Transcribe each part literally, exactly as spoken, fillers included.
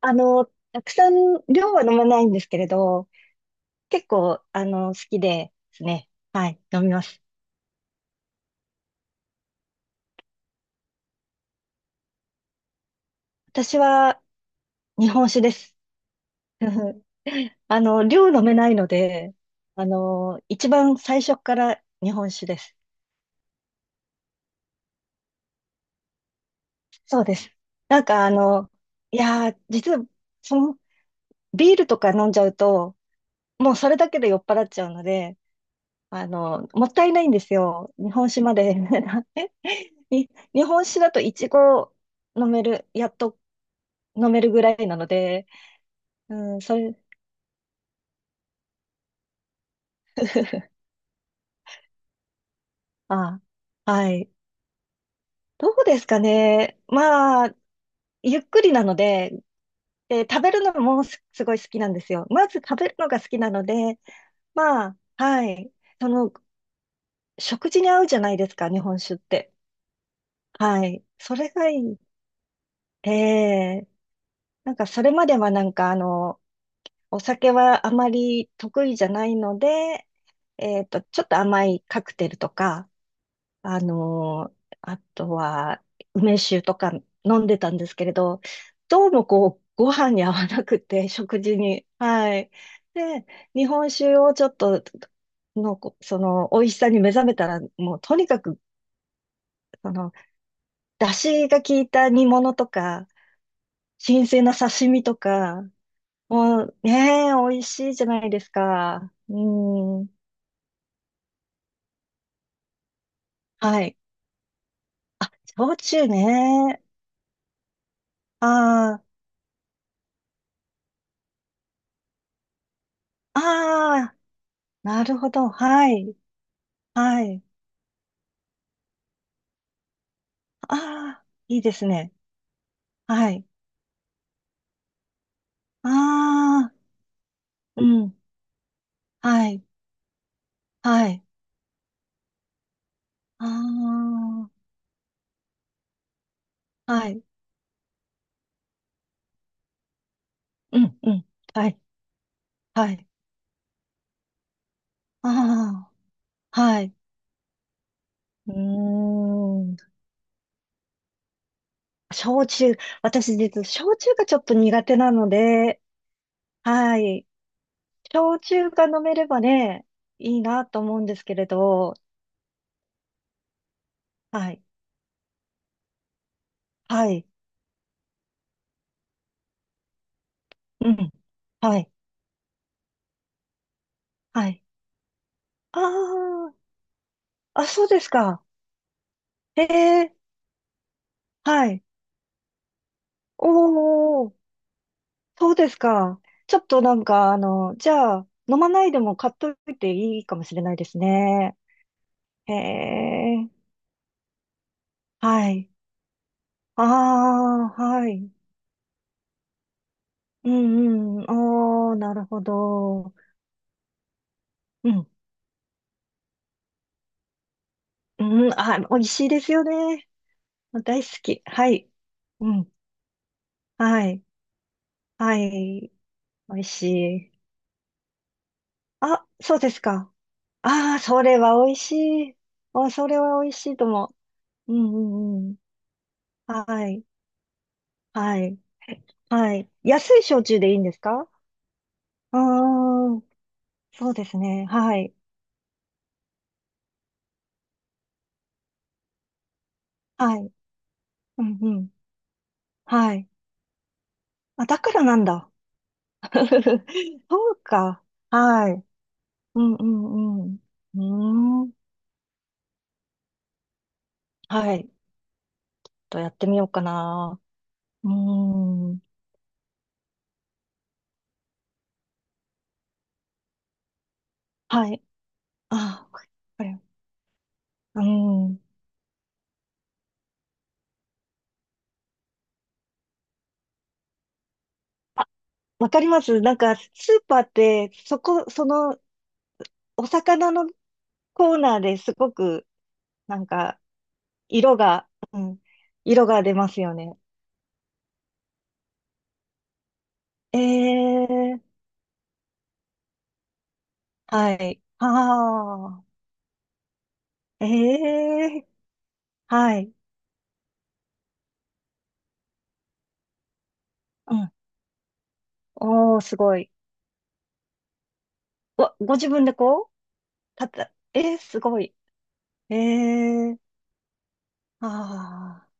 あの、たくさん量は飲まないんですけれど、結構、あの、好きですね。はい、飲みます。私は日本酒です。あの、量飲めないので、あの、一番最初から日本酒です。そうです。なんかあの、いやー、実は、その、ビールとか飲んじゃうと、もうそれだけで酔っ払っちゃうので、あの、もったいないんですよ。日本酒まで。に日本酒だとイチゴ飲める、やっと飲めるぐらいなので、うん、それ、あ、はい。どうですかね。まあ、ゆっくりなので、で、食べるのもす、すごい好きなんですよ。まず食べるのが好きなので、まあ、はい。その、食事に合うじゃないですか、日本酒って。はい。それがいい。ええ、なんか、それまではなんか、あの、お酒はあまり得意じゃないので、えっと、ちょっと甘いカクテルとか、あのあとは、梅酒とか飲んでたんですけれど、どうもこう、ご飯に合わなくて、食事に。はい。で、日本酒をちょっと、の、こその、美味しさに目覚めたら、もうとにかく、その、出汁が効いた煮物とか、新鮮な刺身とか、もうねえ、美味しいじゃないですか。うん。はい。あ、焼酎ね。ああ、ああ、なるほど。はい。はい。ああ、いいですね。はい。ああ、うん。はい。はい。ああ、はい。うん、うん。はい。はい。ああ、はい。うーん。焼酎。私、実は焼酎がちょっと苦手なので、はい。焼酎が飲めればね、いいなと思うんですけれど、はい。はい。うん。はい。はい。ああ、あ、そうですか。ええ、はい。おー、そうですか。ちょっとなんか、あの、じゃあ、飲まないでも買っといていいかもしれないですね。へえ、はい。ああ、はい。うんうん。おー、なるほど。うん。うん、あ、美味しいですよね。大好き。はい。うん。はい。はい。美味しい。あ、そうですか。ああ、それは美味しい。あ、それは美味しいと思う。うんうんうん。はい。はい。はい。安い焼酎でいいんですか？ああー、そうですね。はい。はい。うんうん。はい。あ、だからなんだ。そうか。はい。うんうんうん。うーん。はい。とやってみようかな。うーん。はい。あ、これ。うーん。あ、わかります。なんか、スーパーって、そこ、その、お魚のコーナーですごく、なんか、色が、うん、色が出ますよね。ええ、はい。ああ、ええ、はい。うん。おー、すごい。ご、ご自分でこう、立った。ええ、すごい。ええ、ああ、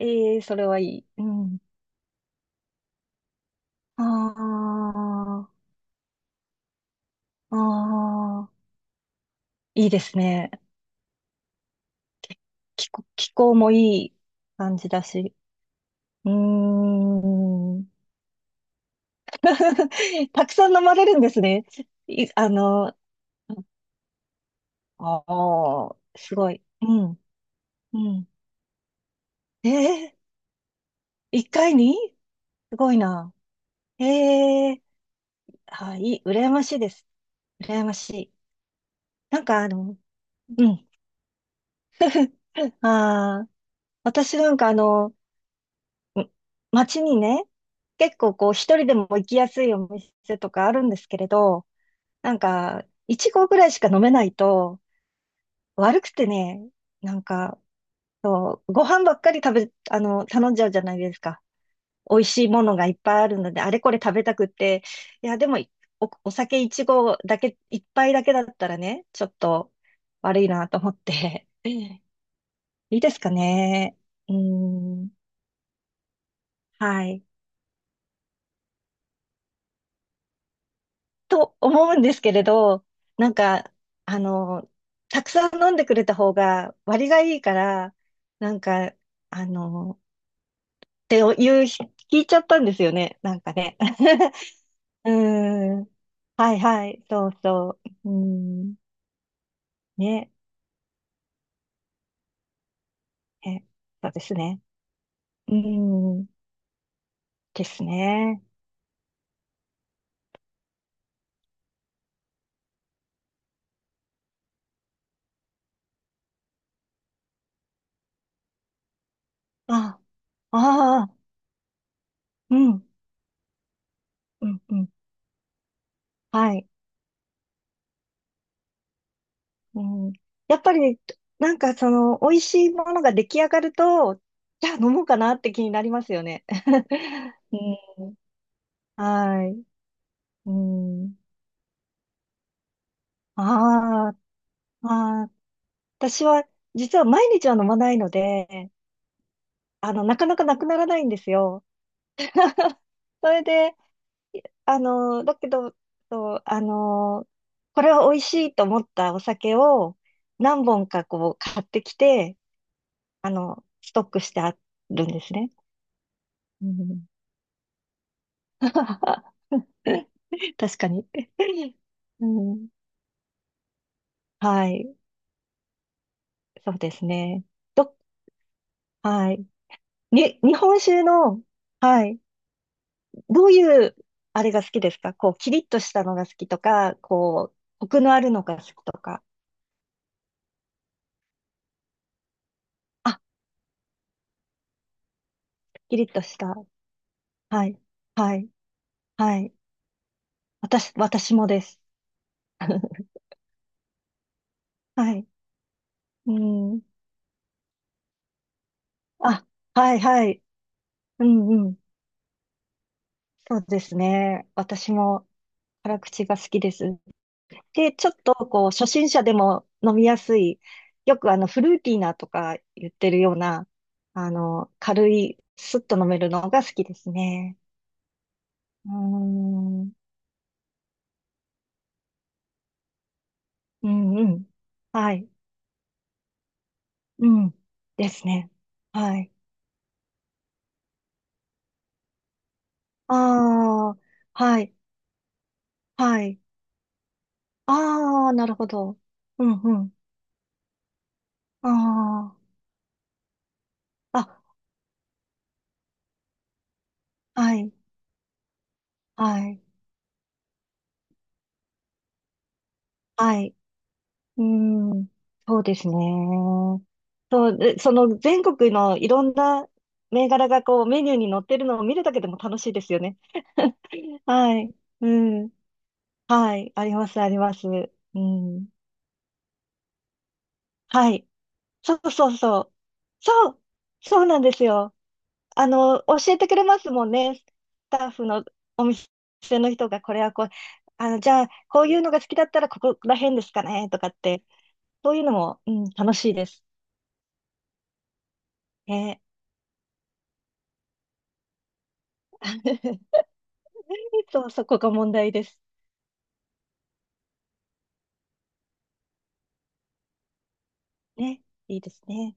ええ、それはいい。うん。ああ、ああ、いいですね。気候、気候もいい感じだし。うーん。たくさん飲まれるんですね。い、あの、ああ、すごい。うん、うん。ええ、一回にすごいな。ええ、はい、羨ましいです。羨ましい。なんかあの、うん。ああ、私なんかあの、うん、街にね、結構こう一人でも行きやすいお店とかあるんですけれど、なんか、いち合ぐらいしか飲めないと、悪くてね、なんか、そう、ご飯ばっかり食べ、あの、頼んじゃうじゃないですか。美味しいものがいっぱいあるので、あれこれ食べたくって、いや、でも、お、お酒一合だけ、一杯だけだったらね、ちょっと悪いなと思って、いいですかね。うーん、はい。と思うんですけれど、なんか、あの、たくさん飲んでくれた方が割がいいから、なんか、あの、っていうひ、聞いちゃったんですよね、なんかね。うーん、はいはい、そうそう。うーん、ね。え、そうですね。うん。ですね。あ、ああ、うん。うん、うん。はい。うん。やっぱり、なんかその、美味しいものが出来上がると、じゃあ飲もうかなって気になりますよね。うん。はい。うん。ああ、ああ、私は、実は毎日は飲まないので、あの、なかなかなくならないんですよ。それで、あの、だけど、そう、あの、これは美味しいと思ったお酒を何本かこう買ってきて、あの、ストックしてあるんですね。うん、確かに。うん、はい。そうですね。ど、はい。に、日本酒の、はい。どういう、あれが好きですか？こう、キリッとしたのが好きとか、こう、コクのあるのが好きとか。あ、キリッとした。はい。はい。はい。私、私もです。はい。うん。あ、はいはい。うんうん。そうですね。私も辛口が好きです。で、ちょっとこう、初心者でも飲みやすい、よくあの、フルーティーなとか言ってるような、あの、軽い、スッと飲めるのが好きですね。うーん。うんうん。はい。うん。ですね。はい。ああ、はい。はい。ああ、なるほど。うん、ああ、あ、はい、はい、はい。うん、そうですね。そう、でその全国のいろんな銘柄がこうメニューに載ってるのを見るだけでも楽しいですよね。はい、うん、はい、あります、あります。うん、はい、そうそうそう。そう、そうなんですよ。あの、教えてくれますもんね。スタッフの普通の人が、これはこう、あの、じゃあ、こういうのが好きだったら、ここら辺ですかね、とかって。そういうのも、うん、楽しいです。ね。そう、そこが問題です。ね。いいですね。